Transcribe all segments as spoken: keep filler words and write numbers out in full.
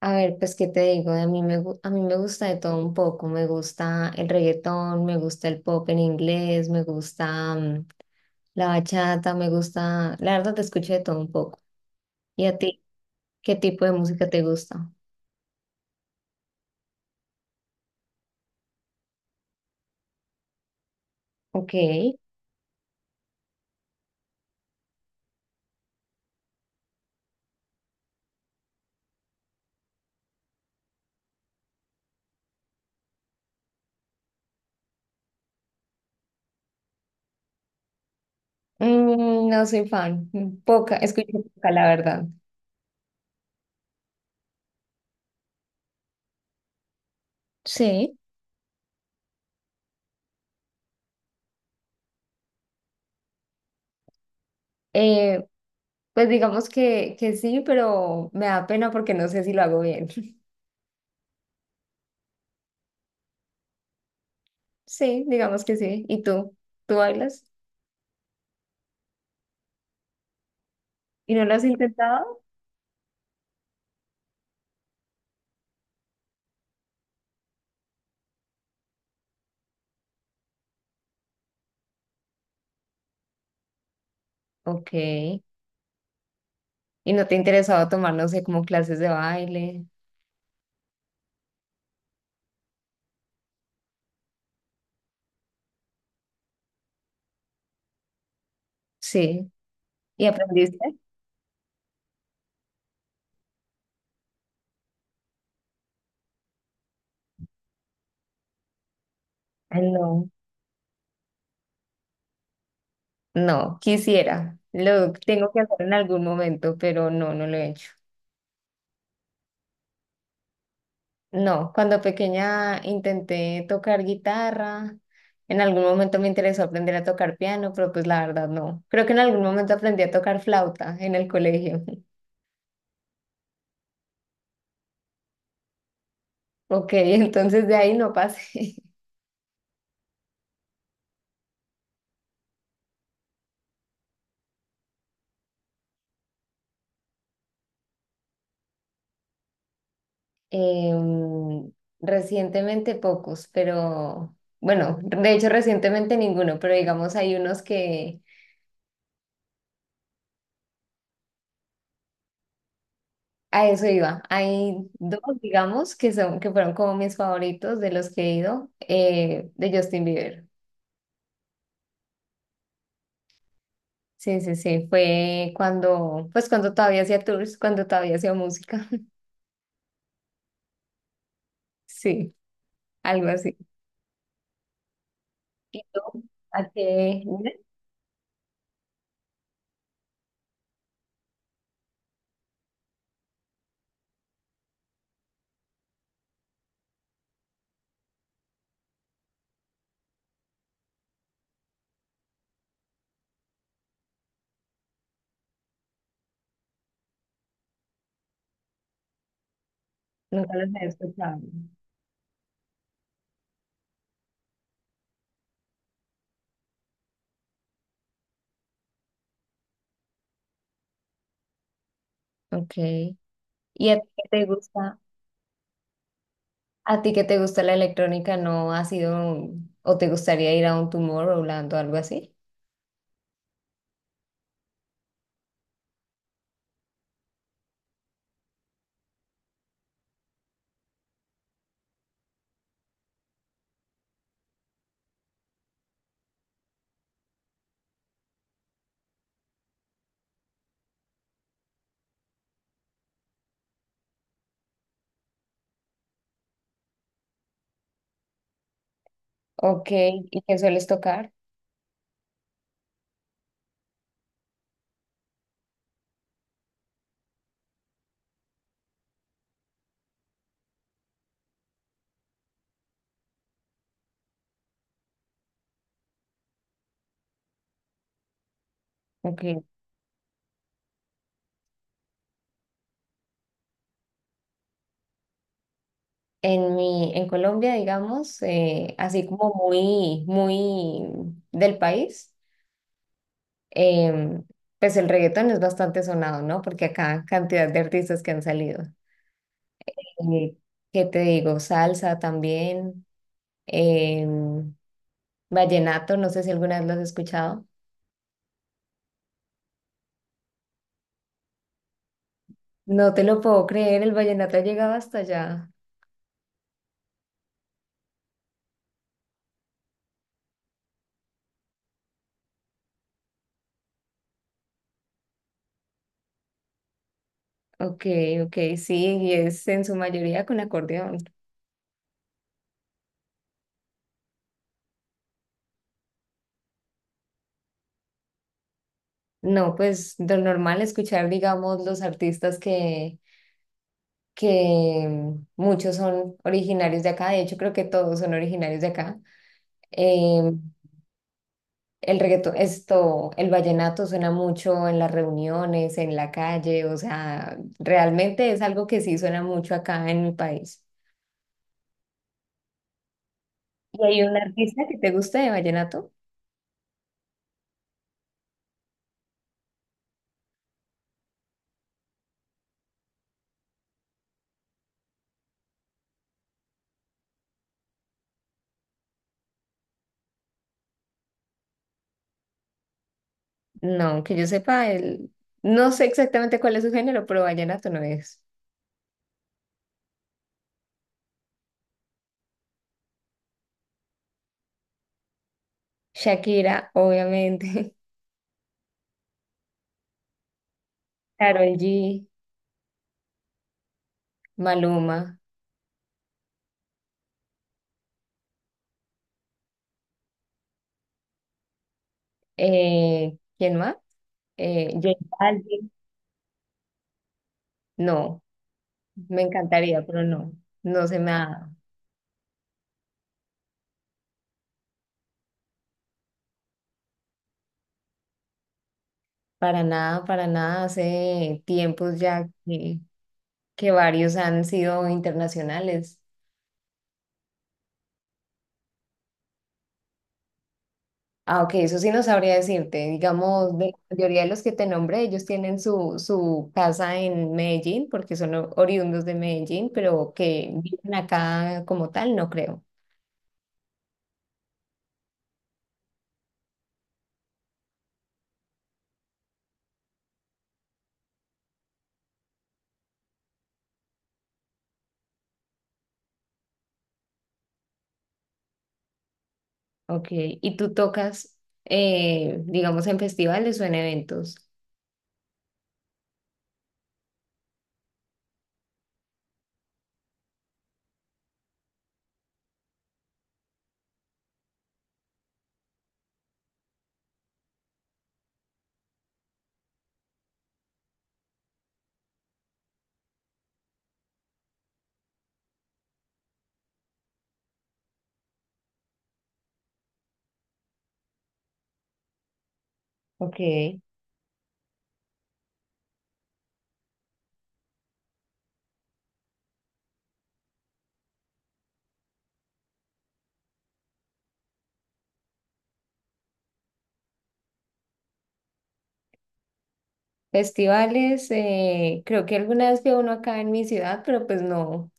A ver, pues qué te digo, a mí me, gu- a mí me gusta de todo un poco, me gusta el reggaetón, me gusta el pop en inglés, me gusta mm, la bachata, me gusta, la verdad te escucho de todo un poco. ¿Y a ti? ¿Qué tipo de música te gusta? Ok. Mm, no soy fan, poca, escucho poca, la verdad. Sí. Eh, pues digamos que, que sí, pero me da pena porque no sé si lo hago bien. Sí, digamos que sí. ¿Y tú? ¿Tú bailas? ¿Y no lo has intentado? Ok. ¿Y no te interesaba tomar, no sé, como clases de baile? Sí. ¿Y aprendiste? Ah, no, no, quisiera. Lo tengo que hacer en algún momento, pero no, no lo he hecho. No, cuando pequeña intenté tocar guitarra. En algún momento me interesó aprender a tocar piano, pero pues la verdad no. Creo que en algún momento aprendí a tocar flauta en el colegio. Ok, entonces de ahí no pasé. Em, Recientemente pocos, pero bueno, de hecho recientemente ninguno, pero digamos hay unos que a eso iba. Hay dos, digamos, que son, que fueron como mis favoritos de los que he ido, eh, de Justin Bieber. Sí, sí, sí, fue cuando, pues cuando todavía hacía tours, cuando todavía hacía música. Sí, algo así. ¿Y tú? ¿A qué? Nunca los he escuchado. Ok. ¿Y a ti qué te gusta? ¿A ti que te gusta la electrónica no has ido un- o te gustaría ir a un Tomorrowland o algo así? Ok, ¿y qué sueles tocar? Ok. En mi, en Colombia, digamos, eh, así como muy, muy del país, em, pues el reggaetón es bastante sonado, ¿no? Porque acá cantidad de artistas que han salido. Eh, ¿qué te digo? Salsa también, em, vallenato, no sé si alguna vez lo has escuchado. No te lo puedo creer, el vallenato ha llegado hasta allá. Ok, ok, sí, y es en su mayoría con acordeón. No, pues lo normal escuchar, digamos, los artistas que, que mm, muchos son originarios de acá, de hecho creo que todos son originarios de acá. Eh, el reggaetón, esto, el vallenato suena mucho en las reuniones, en la calle, o sea, realmente es algo que sí suena mucho acá en mi país. ¿Y hay un artista que te guste de vallenato? No, que yo sepa, el... no sé exactamente cuál es su género, pero vallenato no es. Shakira, obviamente. Karol G, Maluma. Eh, ¿quién más? Eh, J Balvin. No, me encantaría, pero no. No se me ha dado. Para nada, para nada. Hace tiempos ya que, que varios han sido internacionales. Ah, ok, eso sí no sabría decirte. Digamos, de la mayoría de los que te nombré, ellos tienen su, su casa en Medellín, porque son o- oriundos de Medellín, pero que viven acá como tal, no creo. Ok, ¿y tú tocas, eh, digamos, en festivales o en eventos? Ok, festivales, eh, creo que alguna vez fui a uno acá en mi ciudad, pero pues no,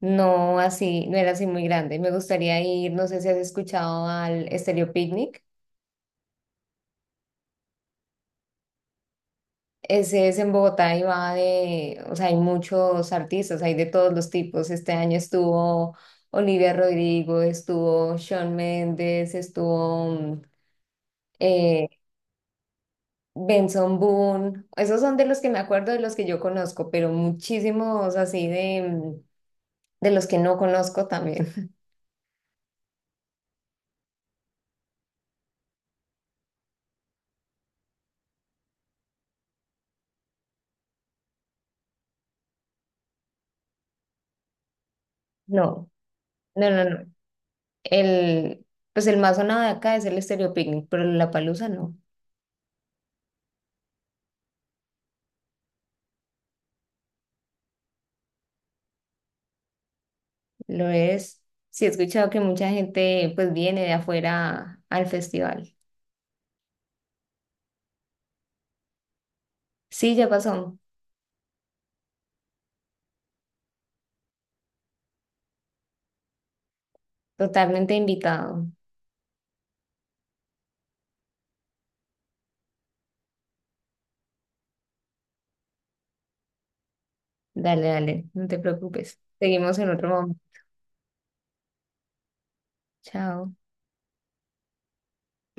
no así, no era así muy grande. Me gustaría ir, no sé si has escuchado al Estéreo Picnic. Ese es en Bogotá y va de, o sea, hay muchos artistas, hay de todos los tipos. Este año estuvo Olivia Rodrigo, estuvo Shawn Mendes, estuvo... mm, eh, Benson Boone, esos son de los que me acuerdo, de los que yo conozco, pero muchísimos así de, mm, de los que no conozco también. No, no, no, no. El, pues el más sonado de acá es el Stereo Picnic, pero la palusa no, lo es. Sí he escuchado que mucha gente pues viene de afuera al festival. Sí, ya pasó, totalmente invitado. Dale, dale, no te preocupes. Seguimos en otro momento. Chao.